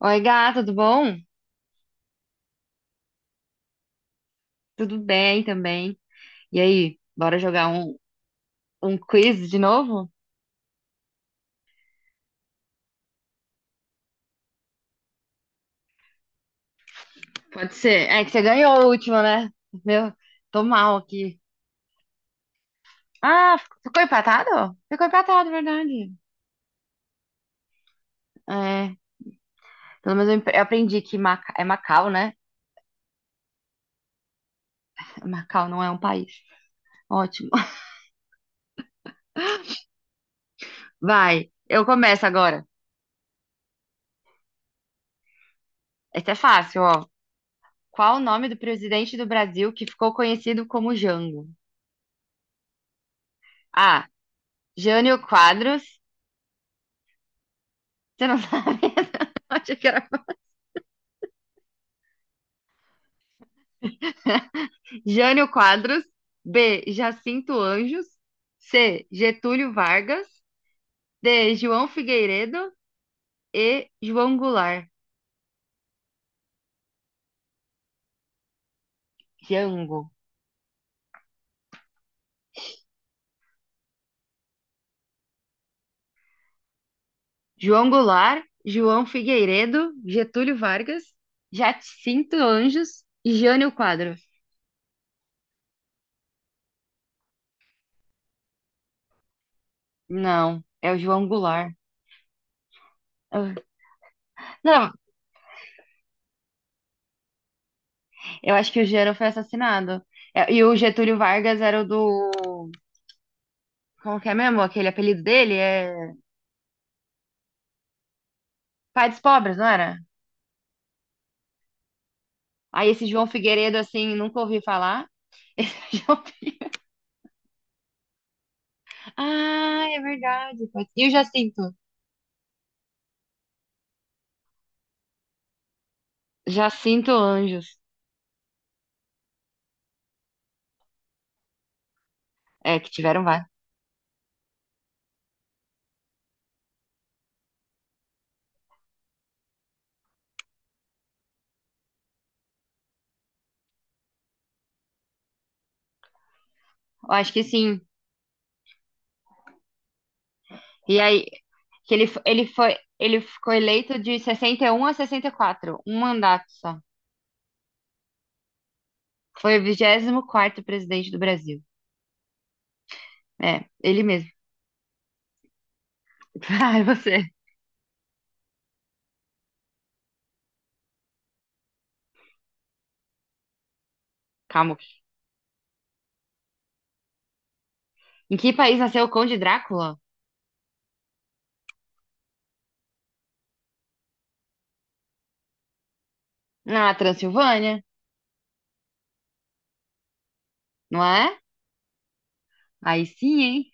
Oi, gato, tudo bom? Tudo bem também. E aí, bora jogar um quiz de novo? Pode ser. É que você ganhou o último, né? Meu, tô mal aqui. Ah, ficou empatado? Ficou empatado, verdade. É, pelo menos eu eu aprendi que é Macau, né? Macau não é um país. Ótimo. Vai, eu começo agora. Esse é fácil, ó. Qual o nome do presidente do Brasil que ficou conhecido como Jango? A. Jânio Quadros. Você não sabe? Acho que Jânio Quadros. B. Jacinto Anjos. C. Getúlio Vargas. D. João Figueiredo e João Goulart. Jango. João Goulart, João Figueiredo, Getúlio Vargas, Jacinto Anjos e Jânio Quadros. Não, é o João Goulart. Ah, não, eu acho que o Jânio foi assassinado. É, e o Getúlio Vargas era o do. Como que é mesmo? Aquele apelido dele? É Pai dos Pobres, não era? Aí esse João Figueiredo, assim, nunca ouvi falar. Ah, é verdade. E o Jacinto? Jacinto Anjos. É, que tiveram vários. Eu acho que sim. E aí, que ele, f- ele foi, ele ficou eleito de 61 a 64, um mandato só. Foi o vigésimo quarto presidente do Brasil. É, ele mesmo. Ai, você. Calma. Em que país nasceu o Conde Drácula? Na Transilvânia, não é? Aí sim, hein?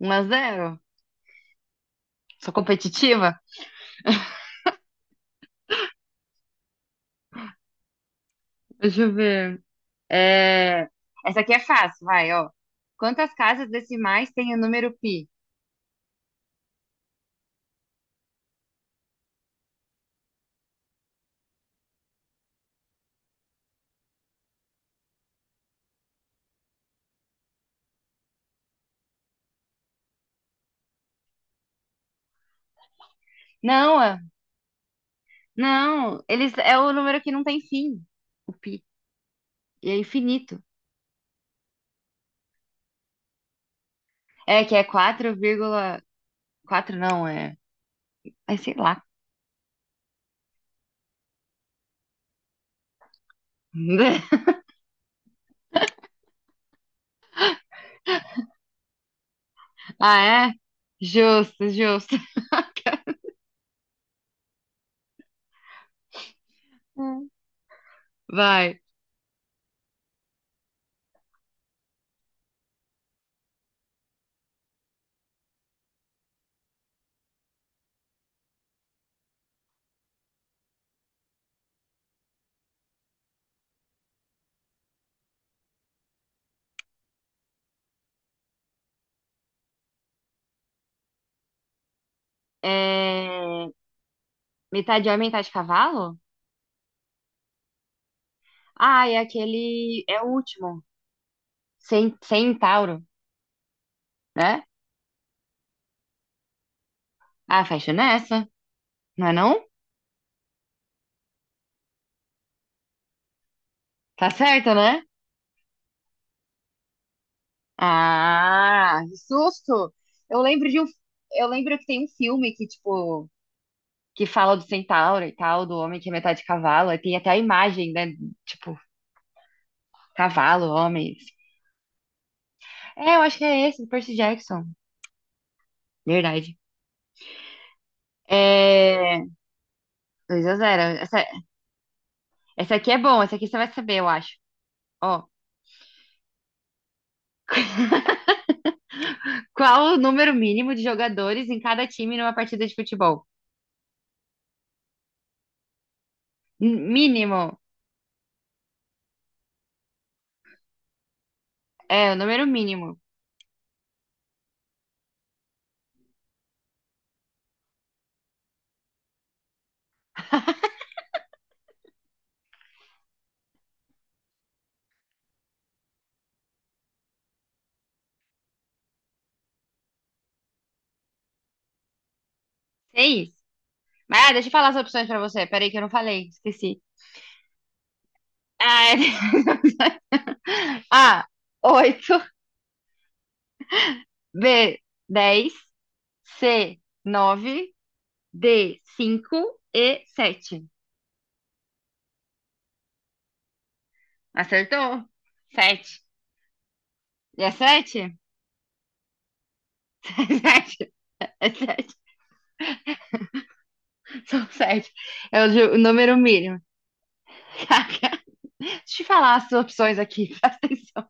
Um a zero. Sou competitiva. Deixa eu ver. É, essa aqui é fácil, vai, ó. Quantas casas decimais tem o número pi? Não, ah, não, eles é o número que não tem fim, o pi. E é infinito. É que é quatro vírgula quatro não, é, é sei lá. Ah, é? Justo, justo. Hum. Vai. É... Metade homem, metade cavalo? Ah, é aquele. É o último. Centauro, né? Ah, fecha nessa. Não é não? Tá certo, né? Ah, que susto! Eu lembro de eu lembro que tem um filme que tipo que fala do centauro e tal, do homem que é metade cavalo, aí tem até a imagem, né, tipo cavalo, homem. É, eu acho que é esse, do Percy Jackson. Verdade. É, 2 a 0. Essa aqui é bom, essa aqui você vai saber, eu acho. Ó, qual o número mínimo de jogadores em cada time numa partida de futebol? Mínimo. É, o número mínimo. Seis. Mas ah, deixa eu falar as opções pra você. Peraí que eu não falei, esqueci. A, oito. B, dez. C, nove. D, cinco e sete. Acertou? Sete. É sete. É sete. É sete. São sete. É o número mínimo. Caraca. Deixa eu falar as opções aqui, presta atenção.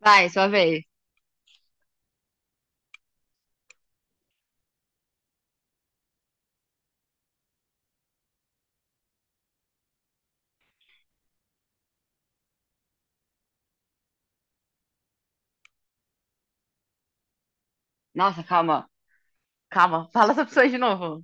Vai, sua vez. Nossa, calma. Calma, fala as opções de novo.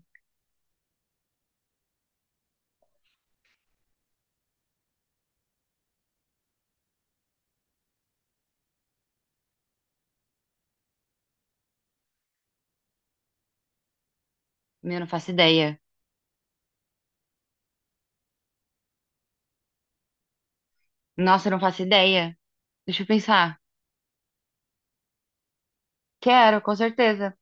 Meu, não faço ideia. Nossa, eu não faço ideia. Deixa eu pensar. Quero, com certeza.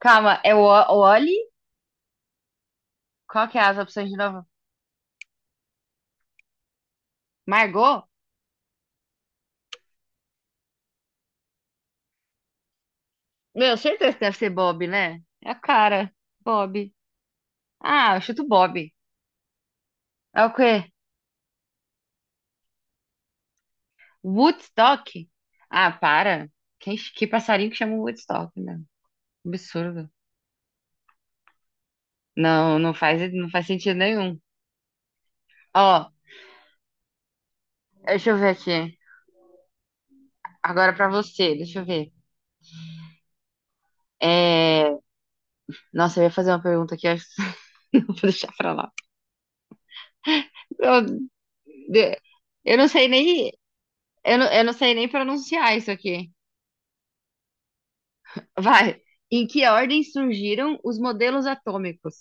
Calma, é o Oli? Qual que é as opções de novo? Margot? Meu, certeza que deve ser Bob, né? É a cara. Bob. Ah, eu chuto Bob. É o quê? Woodstock? Ah, para. Quem, que passarinho que chama Woodstock, né? Absurdo. Não, não faz sentido nenhum. Ó, deixa eu ver aqui. Agora pra você, deixa eu ver. É... Nossa, eu ia fazer uma pergunta aqui, acho que vou deixar pra lá. Eu, de- eu não sei nem, eu não sei nem pronunciar isso aqui. Vai. Em que ordem surgiram os modelos atômicos?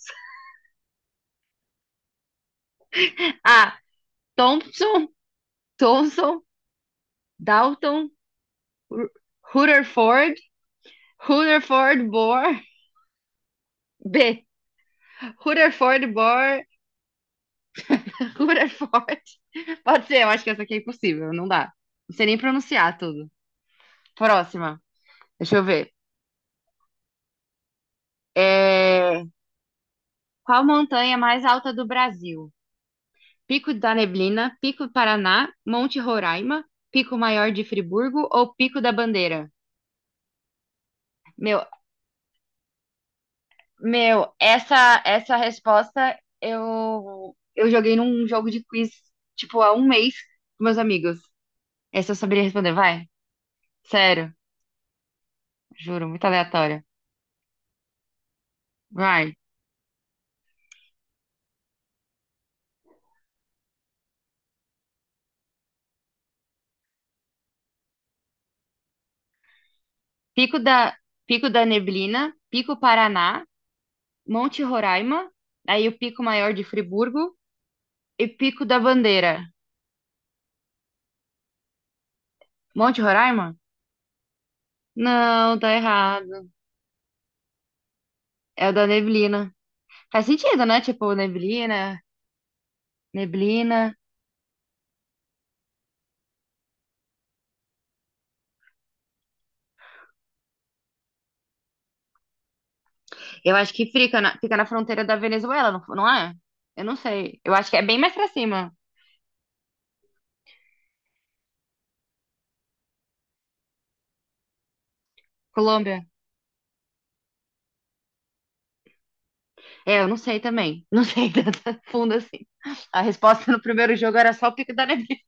A. Thomson, Thomson, Dalton, Ru- Rutherford, Rutherford Bohr. B. Rutherford Bohr, Rutherford. Pode ser, eu acho que essa aqui é impossível, não dá. Não sei nem pronunciar tudo. Próxima. Deixa eu ver. É, qual montanha é mais alta do Brasil? Pico da Neblina, Pico do Paraná, Monte Roraima, Pico Maior de Friburgo ou Pico da Bandeira? Meu, Meu, essa resposta eu joguei num jogo de quiz, tipo, há um mês com meus amigos. Essa eu saberia responder, vai. Sério, juro, muito aleatória. Vai. Pico da Pico da Neblina, Pico Paraná, Monte Roraima, aí o Pico Maior de Friburgo e Pico da Bandeira. Monte Roraima? Não, tá errado. É o da Neblina. Faz sentido, né? Tipo, neblina. Eu acho que fica fica na fronteira da Venezuela, não é? Eu não sei. Eu acho que é bem mais pra cima. Colômbia. É, eu não sei também. Não sei tanto fundo assim. A resposta no primeiro jogo era só o Pico da Neblina.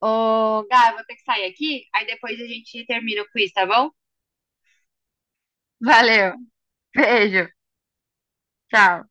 Ô, Gá, eu vou ter que sair aqui, aí depois a gente termina o quiz, tá bom? Valeu. Beijo. Tchau.